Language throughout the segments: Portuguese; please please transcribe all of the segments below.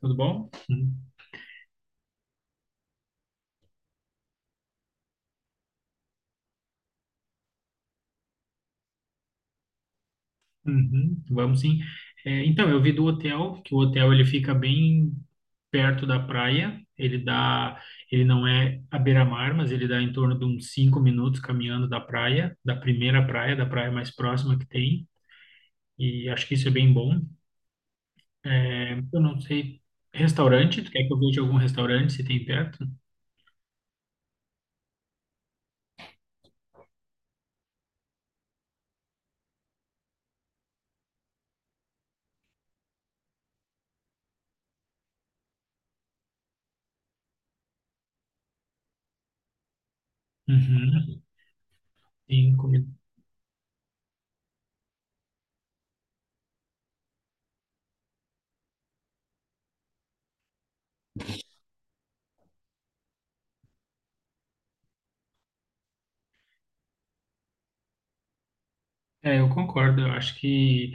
Tudo bom? Uhum. Uhum, vamos sim. É, então, eu vi do hotel, que o hotel ele fica bem perto da praia. Ele não é à beira-mar, mas ele dá em torno de uns 5 minutos caminhando da praia, da primeira praia, da praia mais próxima que tem. E acho que isso é bem bom. É, eu não sei. Restaurante, tu quer que eu veja algum restaurante se tem perto? Uhum, sim, comida. É, eu concordo.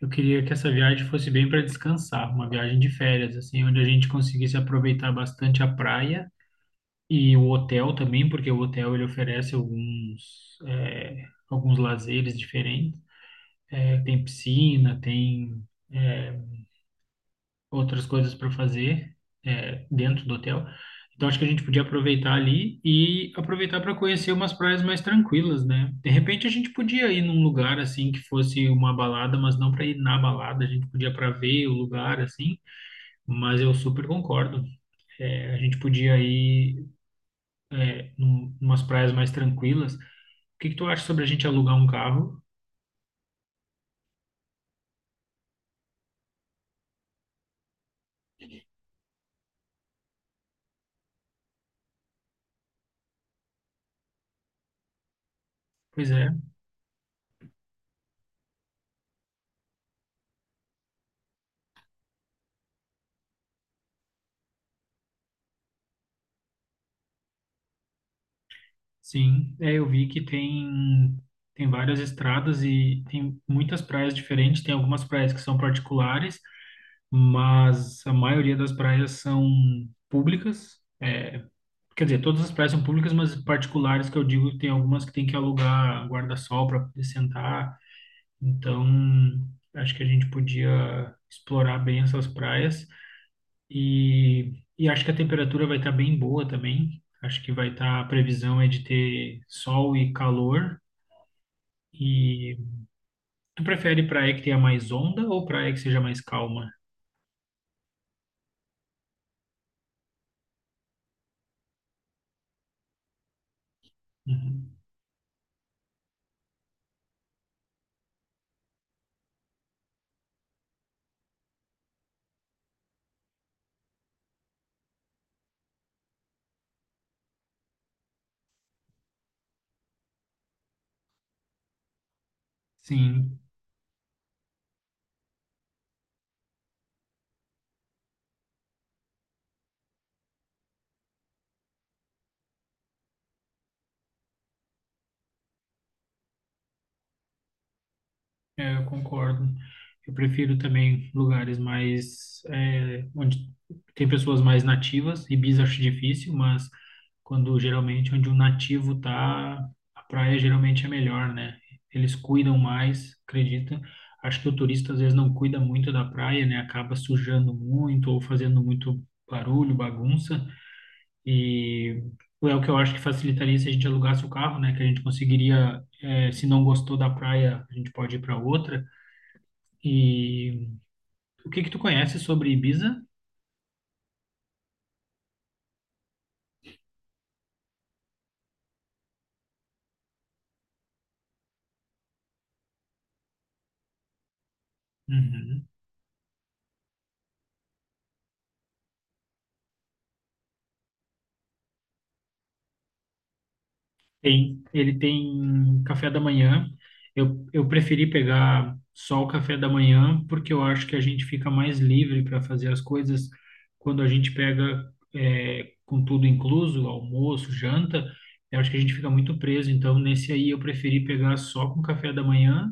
Eu queria que essa viagem fosse bem para descansar, uma viagem de férias, assim, onde a gente conseguisse aproveitar bastante a praia e o hotel também, porque o hotel ele oferece alguns lazeres diferentes. É, tem piscina, tem é, outras coisas para fazer dentro do hotel. Então acho que a gente podia aproveitar ali e aproveitar para conhecer umas praias mais tranquilas, né? De repente a gente podia ir num lugar assim que fosse uma balada, mas não para ir na balada, a gente podia para ver o lugar assim, mas eu super concordo. É, a gente podia ir umas praias mais tranquilas. O que que tu acha sobre a gente alugar um carro? Pois é. Sim, é, eu vi que tem várias estradas e tem muitas praias diferentes. Tem algumas praias que são particulares, mas a maioria das praias são públicas. É, quer dizer, todas as praias são públicas, mas particulares que eu digo, tem algumas que tem que alugar guarda-sol para poder sentar. Então, acho que a gente podia explorar bem essas praias. E acho que a temperatura vai estar bem boa também. Acho que vai estar, a previsão é de ter sol e calor. E tu prefere praia que tenha mais onda ou praia que seja mais calma? Uhum. Sim. É, eu concordo. Eu prefiro também lugares mais, onde tem pessoas mais nativas. Ibis acho difícil, mas quando geralmente onde um nativo tá, a praia geralmente é melhor, né? Eles cuidam mais, acredita? Acho que o turista às vezes não cuida muito da praia, né? Acaba sujando muito ou fazendo muito barulho, bagunça. E é o que eu acho que facilitaria se a gente alugasse o carro, né? Que a gente conseguiria, se não gostou da praia, a gente pode ir para outra. E o que que tu conhece sobre Ibiza? Uhum. Ele tem café da manhã. Eu preferi pegar só o café da manhã porque eu acho que a gente fica mais livre para fazer as coisas quando a gente pega com tudo incluso, almoço, janta. Eu acho que a gente fica muito preso. Então, nesse aí eu preferi pegar só com café da manhã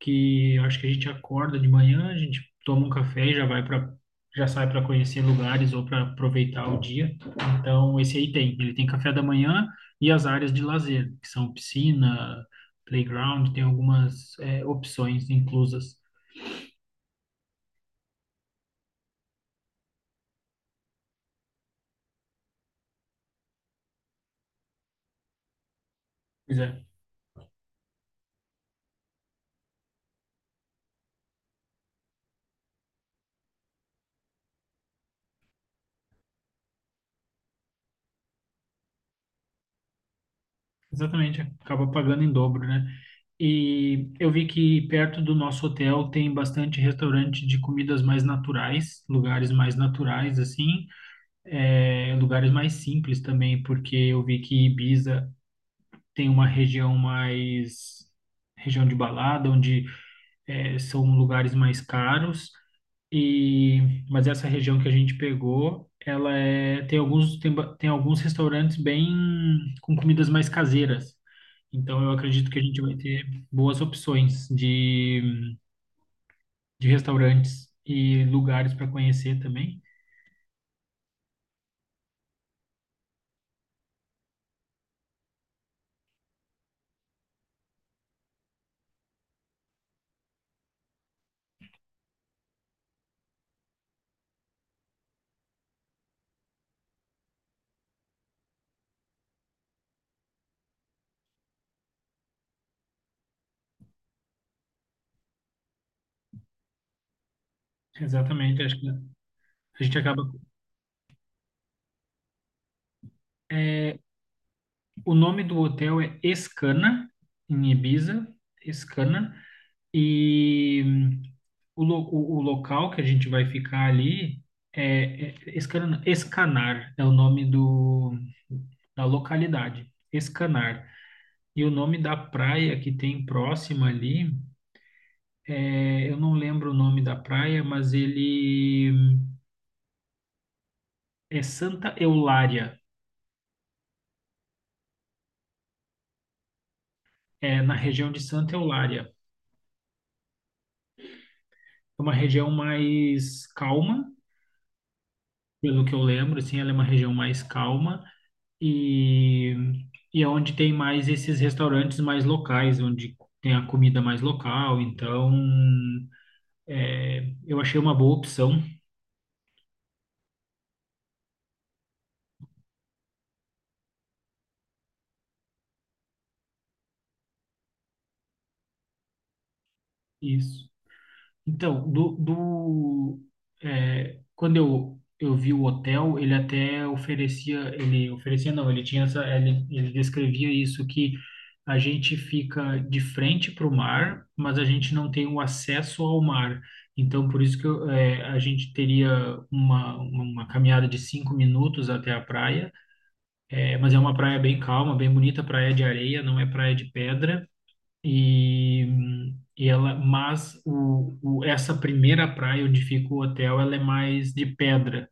que eu acho que a gente acorda de manhã, a gente toma um café e já sai para conhecer lugares ou para aproveitar o dia. Então, esse aí tem café da manhã e as áreas de lazer, que são piscina, playground, tem algumas opções inclusas. Pois é, exatamente, acaba pagando em dobro, né? E eu vi que perto do nosso hotel tem bastante restaurante de comidas mais naturais, lugares mais naturais assim, lugares mais simples também, porque eu vi que Ibiza tem uma região mais região de balada, onde são lugares mais caros. Mas essa região que a gente pegou, ela tem alguns restaurantes bem com comidas mais caseiras. Então eu acredito que a gente vai ter boas opções de restaurantes e lugares para conhecer também. Exatamente, acho que a gente acaba. O nome do hotel é Escana, em Ibiza, Escana, e o local que a gente vai ficar ali é Escana, Escanar, é o nome do, da localidade, Escanar. E o nome da praia que tem próxima ali, eu não lembro o nome da praia, mas ele é Santa Eulária, é na região de Santa Eulária. É uma região mais calma, pelo que eu lembro, assim, ela é uma região mais calma e, e é onde tem mais esses restaurantes mais locais, onde tem a comida mais local. Então, eu achei uma boa opção. Isso. Então, quando eu vi o hotel, ele até oferecia, ele oferecia não, ele tinha ele descrevia isso que a gente fica de frente para o mar, mas a gente não tem o acesso ao mar. Então, por isso que a gente teria uma caminhada de 5 minutos até a praia, mas é uma praia bem calma, bem bonita, praia de areia, não é praia de pedra. E, e mas essa primeira praia onde fica o hotel, ela é mais de pedra.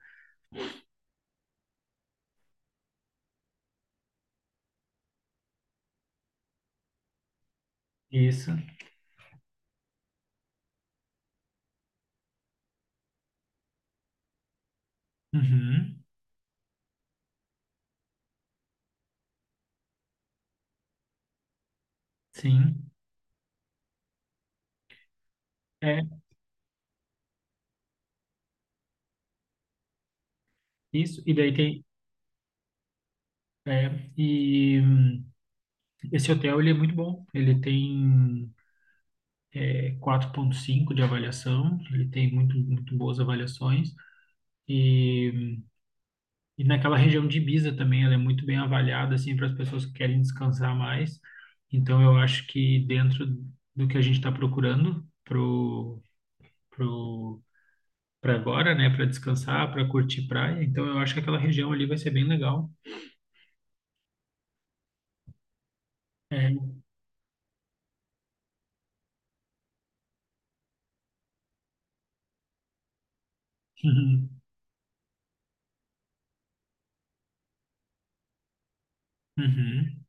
Isso. Uhum. Sim. É isso. É, e esse hotel ele é muito bom. Ele tem 4,5 de avaliação. Ele tem muito muito boas avaliações. E E naquela região de Ibiza também, ela é muito bem avaliada, assim, para as pessoas que querem descansar mais. Então, eu acho que dentro do que a gente está procurando pro, para agora, né, para descansar, para curtir praia, então eu acho que aquela região ali vai ser bem legal. É. Uhum. Uhum.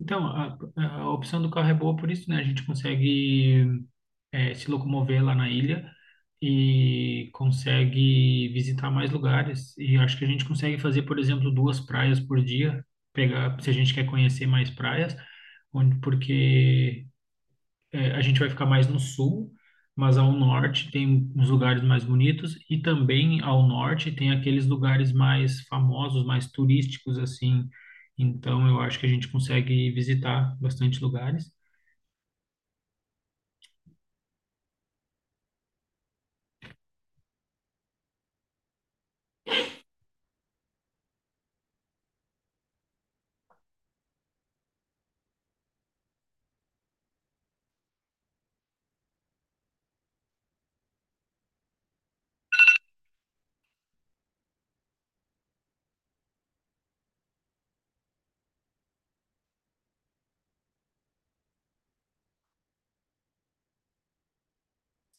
Então, a opção do carro é boa por isso, né? A gente consegue se locomover lá na ilha e consegue visitar mais lugares. E acho que a gente consegue fazer, por exemplo, duas praias por dia, pegar, se a gente quer conhecer mais praias, onde, porque a gente vai ficar mais no sul, mas ao norte tem uns lugares mais bonitos e também ao norte tem aqueles lugares mais famosos, mais turísticos assim. Então eu acho que a gente consegue visitar bastante lugares.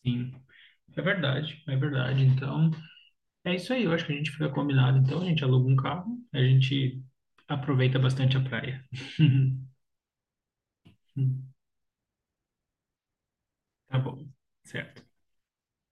Sim, é verdade, é verdade. Então, é isso aí, eu acho que a gente fica combinado. Então, a gente aluga um carro, a gente aproveita bastante a praia. Tá bom, certo.